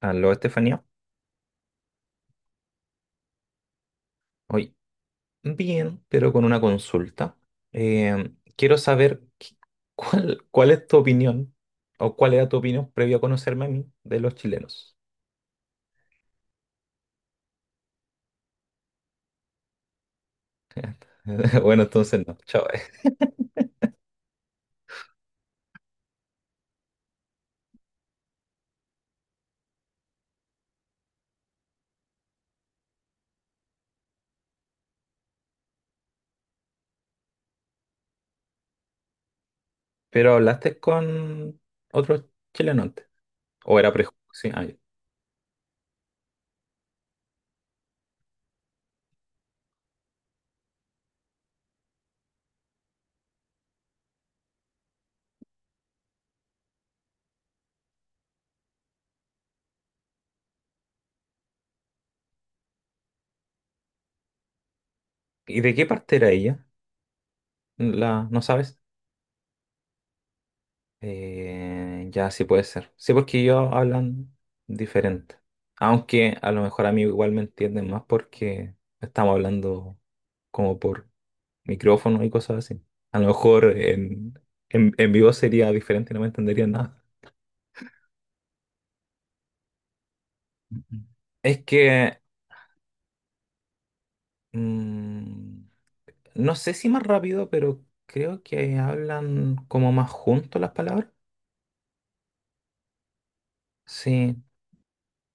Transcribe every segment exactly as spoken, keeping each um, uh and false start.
Aló, Estefanía. Hoy, bien, pero con una consulta. Eh, quiero saber qué- cuál, cuál es tu opinión o cuál era tu opinión previo a conocerme a mí de los chilenos. Bueno, entonces no, chao. Pero hablaste con otro chileno antes, o era prejuicio. Ah, ya. ¿Y de qué parte era ella? La, ¿no sabes? Eh, ya sí puede ser. Sí, porque ellos hablan diferente. Aunque a lo mejor a mí igual me entienden más porque estamos hablando como por micrófono y cosas así. A lo mejor en, en, en vivo sería diferente y no me entenderían nada. Ujú. Es que mm, no sé si más rápido, pero creo que hablan como más juntos las palabras. Sí,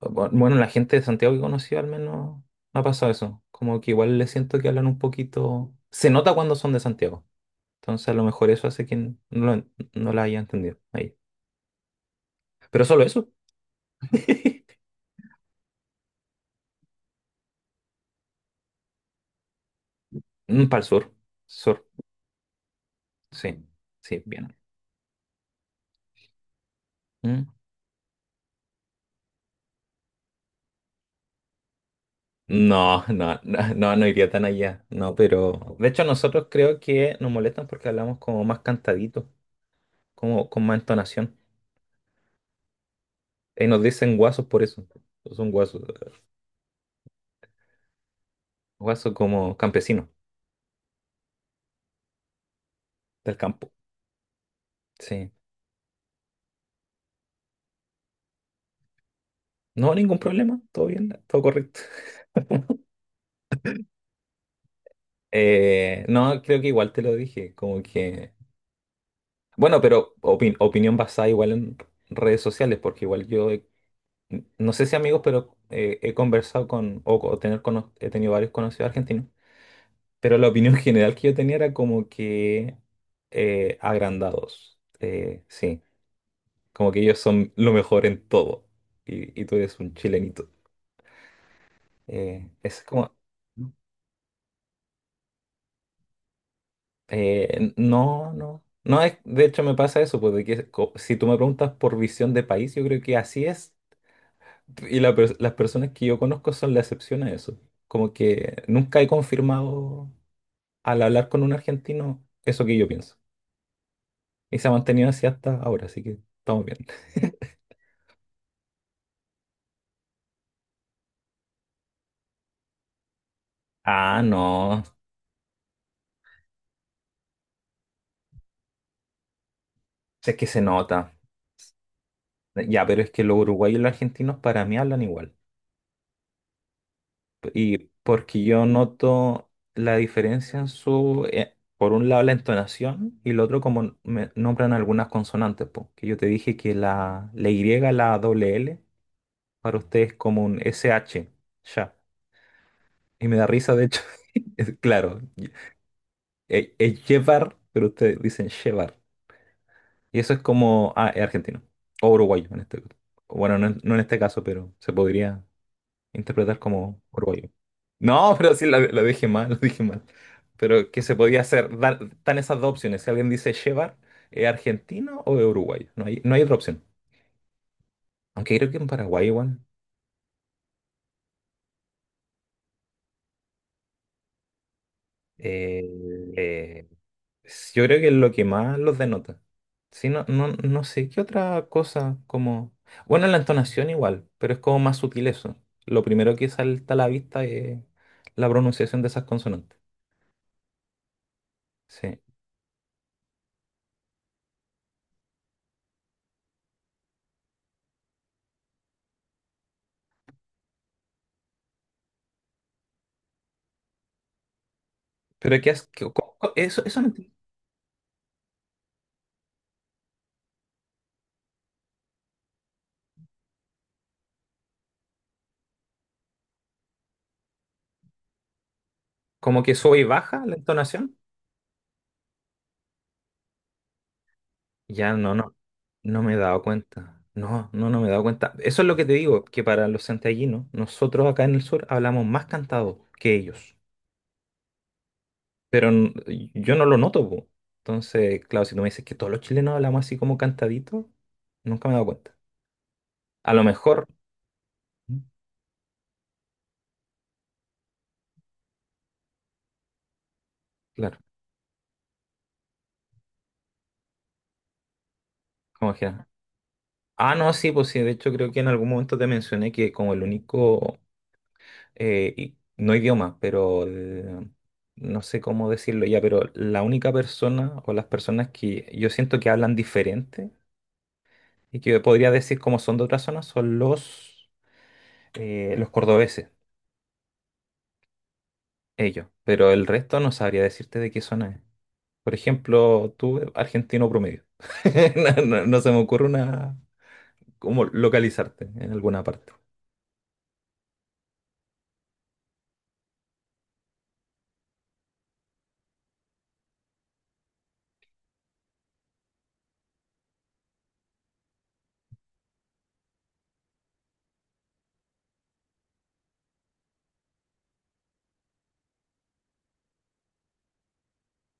bu- bueno, la gente de Santiago que conocí al menos ha pasado eso. Como que igual le siento que hablan un poquito. Se nota cuando son de Santiago. Entonces a lo mejor eso hace que no, lo no la haya entendido ahí. Pero solo eso. Para el sur. Sur. Sí. Sí, bien. Mm. No, no, no, no, no iría tan allá. No, pero. De hecho, nosotros creo que nos molestan porque hablamos como más cantadito, como con más entonación. Y nos dicen guasos por eso. Son guasos. Guasos como campesinos del campo. Sí. No, ningún problema, todo bien, todo correcto. Eh, no, creo que igual te lo dije, como que... Bueno, pero opi- opinión basada igual en redes sociales, porque igual yo, he- no sé si amigos, pero eh, he conversado con, o, co- tener cono- he tenido varios conocidos argentinos, pero la opinión general que yo tenía era como que eh, agrandados, eh, sí, como que ellos son lo mejor en todo, y, y tú eres un chilenito. Eh, es como... Eh, no, no. No es, de hecho me pasa eso, pues de que co- si tú me preguntas por visión de país, yo creo que así es. Y la pers- las personas que yo conozco son la excepción a eso. Como que nunca he confirmado al hablar con un argentino eso que yo pienso. Y se ha mantenido así hasta ahora, así que estamos bien. Ah, no, es que se nota. Ya, pero es que los uruguayos y los argentinos para mí hablan igual. Y porque yo noto la diferencia en su, eh, por un lado la entonación y el otro como me nombran algunas consonantes, po, que yo te dije que la, la Y, la doble L, para ustedes es como un ese hache, ya. Y me da risa, de hecho, es claro, es, es llevar, pero ustedes dicen llevar. Y eso es como, ah, es argentino, o uruguayo en este, caso. Bueno, no, en no en este caso, pero se podría interpretar como orgullo. No, pero sí, lo, lo dije mal, lo dije mal. Pero qué se podía hacer, dar, están esas dos opciones. Si alguien dice llevar, ¿es argentino o es uruguayo? No hay, no hay otra opción. Aunque creo que en Paraguay igual. eh, eh, yo creo que es lo que más los denota. Sí, no, no, no sé, ¿qué otra cosa como... Bueno, la entonación igual, pero es como más sutil eso. Lo primero que salta a la vista es la pronunciación de esas consonantes. Sí. Pero ¿qué has... qué- co- co- eso, eso no Como que sube y baja la entonación. Ya no, no, no me he dado cuenta. No, no, no me he dado cuenta. Eso es lo que te digo, que para los santiaguinos, nosotros acá en el sur hablamos más cantado que ellos. Pero n- yo no lo noto, po. Entonces, claro, si tú me dices que todos los chilenos hablamos así como cantadito, nunca me he dado cuenta. A lo mejor, claro, como que... Ah, no, sí, pues sí, de hecho creo que en algún momento te mencioné que como el único eh, y- no idioma, pero eh, no sé cómo decirlo ya, pero la única persona o las personas que yo siento que hablan diferente y que podría decir cómo son de otras zonas son los, eh, los cordobeses, ellos, pero el resto no sabría decirte de qué zona es. Por ejemplo, tú, argentino promedio. No, no- no se me ocurre una, cómo localizarte en alguna parte.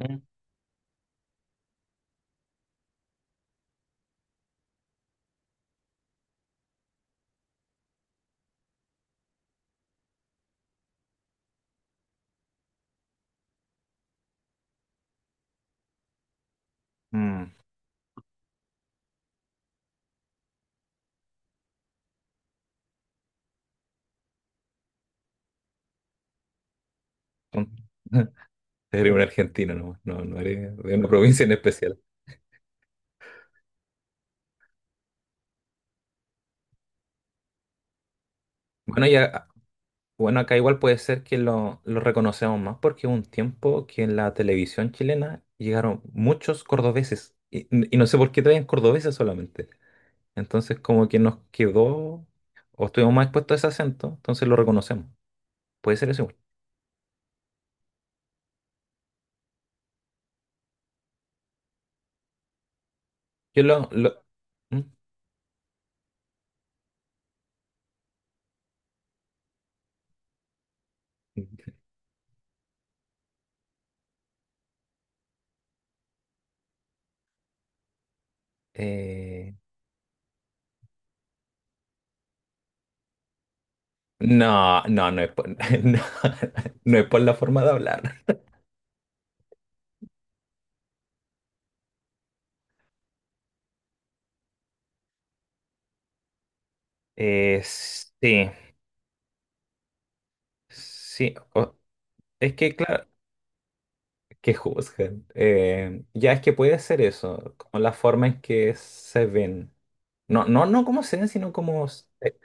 Mm. Mm. Eres un argentino nomás, no, no eres de una provincia en especial. Bueno, ya Bueno, acá igual puede ser que lo, lo reconocemos más porque hubo un tiempo que en la televisión chilena llegaron muchos cordobeses y, y no sé por qué traían cordobeses solamente. Entonces como que nos quedó o estuvimos más expuestos a ese acento, entonces lo reconocemos. Puede ser eso, igual. Yo lo... lo- ¿Mm? Eh, no, no, no es por, no, no es por la forma de hablar. Eh, sí, sí. O- es que, claro. Que juzguen. Eh, ya es que puede ser eso, como la forma en que se ven. No, no, no como se ven, sino como... s- eh,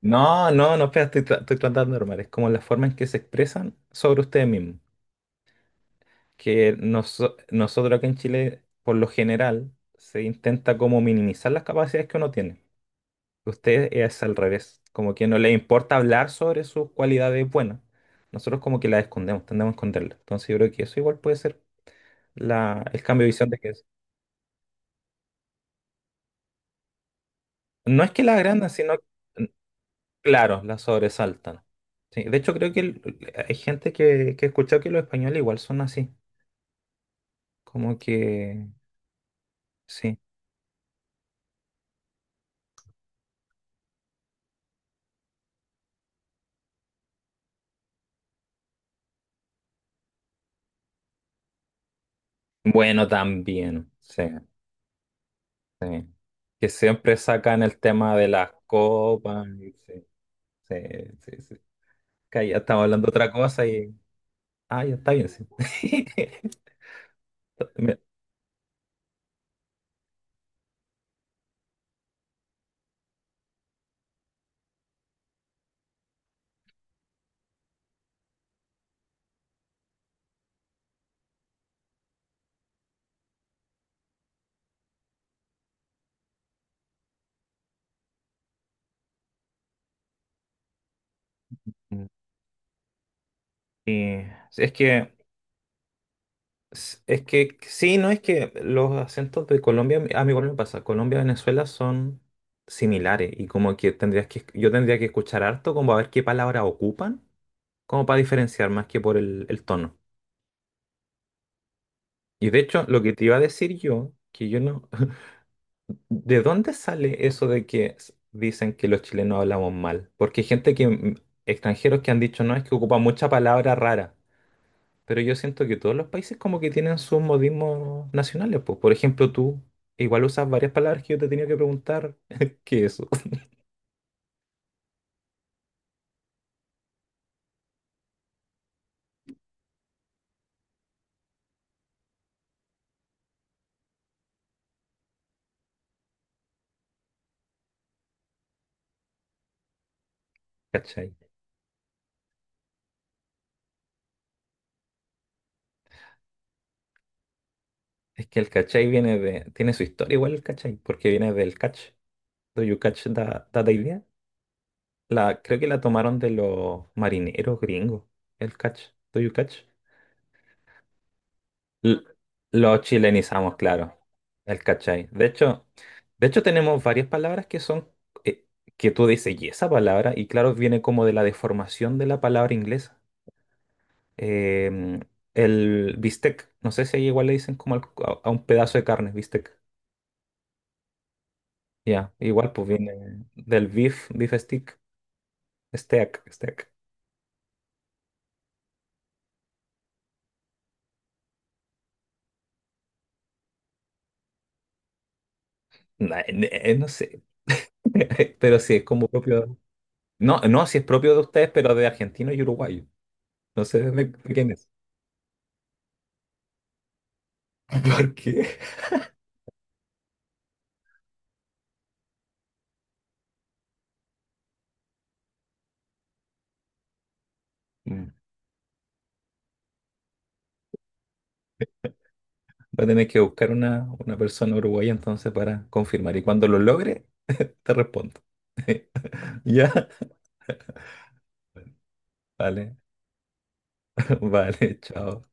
No, no, no, espera, estoy, tra- estoy tratando de normal. Es como la forma en que se expresan sobre ustedes mismos. Que noso- nosotros acá en Chile, por lo general, se intenta como minimizar las capacidades que uno tiene. Ustedes es al revés, como que no les importa hablar sobre sus cualidades buenas. Nosotros como que las escondemos, tendemos a esconderlas. Entonces yo creo que eso igual puede ser la, el cambio de visión de que No es que la agrandan, sino, mm, claro, la sobresaltan. Sí, de hecho, creo que el- hay gente que, que he escuchado que los españoles igual son así, como que, sí. Bueno, también, sí, sí. Que siempre sacan el tema de las copas. Y sí, sí, sí, sí. Que ya estamos hablando de otra cosa y... Ah, ya está bien, sí. Está bien. Sí, sí, es que S- es que sí, no es que los acentos de Colombia, a mí igual me pasa, Colombia y Venezuela son similares y como que tendrías que, yo tendría que escuchar harto como a ver qué palabras ocupan, como para diferenciar más que por el, el tono. Y de hecho, lo que te iba a decir yo, que yo no, ¿de dónde sale eso de que s- dicen que los chilenos hablamos mal? Porque hay gente que, mm, extranjeros que han dicho, no, es que ocupa mucha palabra rara. Pero yo siento que todos los países como que tienen sus modismos nacionales, pues. Por ejemplo, tú igual usas varias palabras que yo te he tenido que preguntar qué es eso, ¿cachai? Es que el cachai viene de, tiene su historia igual el cachai, porque viene del catch. Do you catch that, that idea? La, creo que la tomaron de los marineros gringos, el catch. Do you catch? L- Lo chilenizamos, claro. El cachai. De hecho, de hecho tenemos varias palabras que son eh, que tú dices, y esa palabra, y claro, viene como de la deformación de la palabra inglesa. Em, el bistec, no sé si ahí igual le dicen como al- a, a un pedazo de carne, bistec. Ya, igual pues viene del beef, beef stick, steak, steak. Na- ne- No, sé, pero sí es como propio. No, no, si es propio de ustedes, pero de argentino y uruguayo. No sé de de quién es. ¿Por qué? Mm. Va a tener que buscar una, una persona uruguaya entonces para confirmar. Y cuando lo logre, te respondo. ¿Ya? Vale, vale, chao.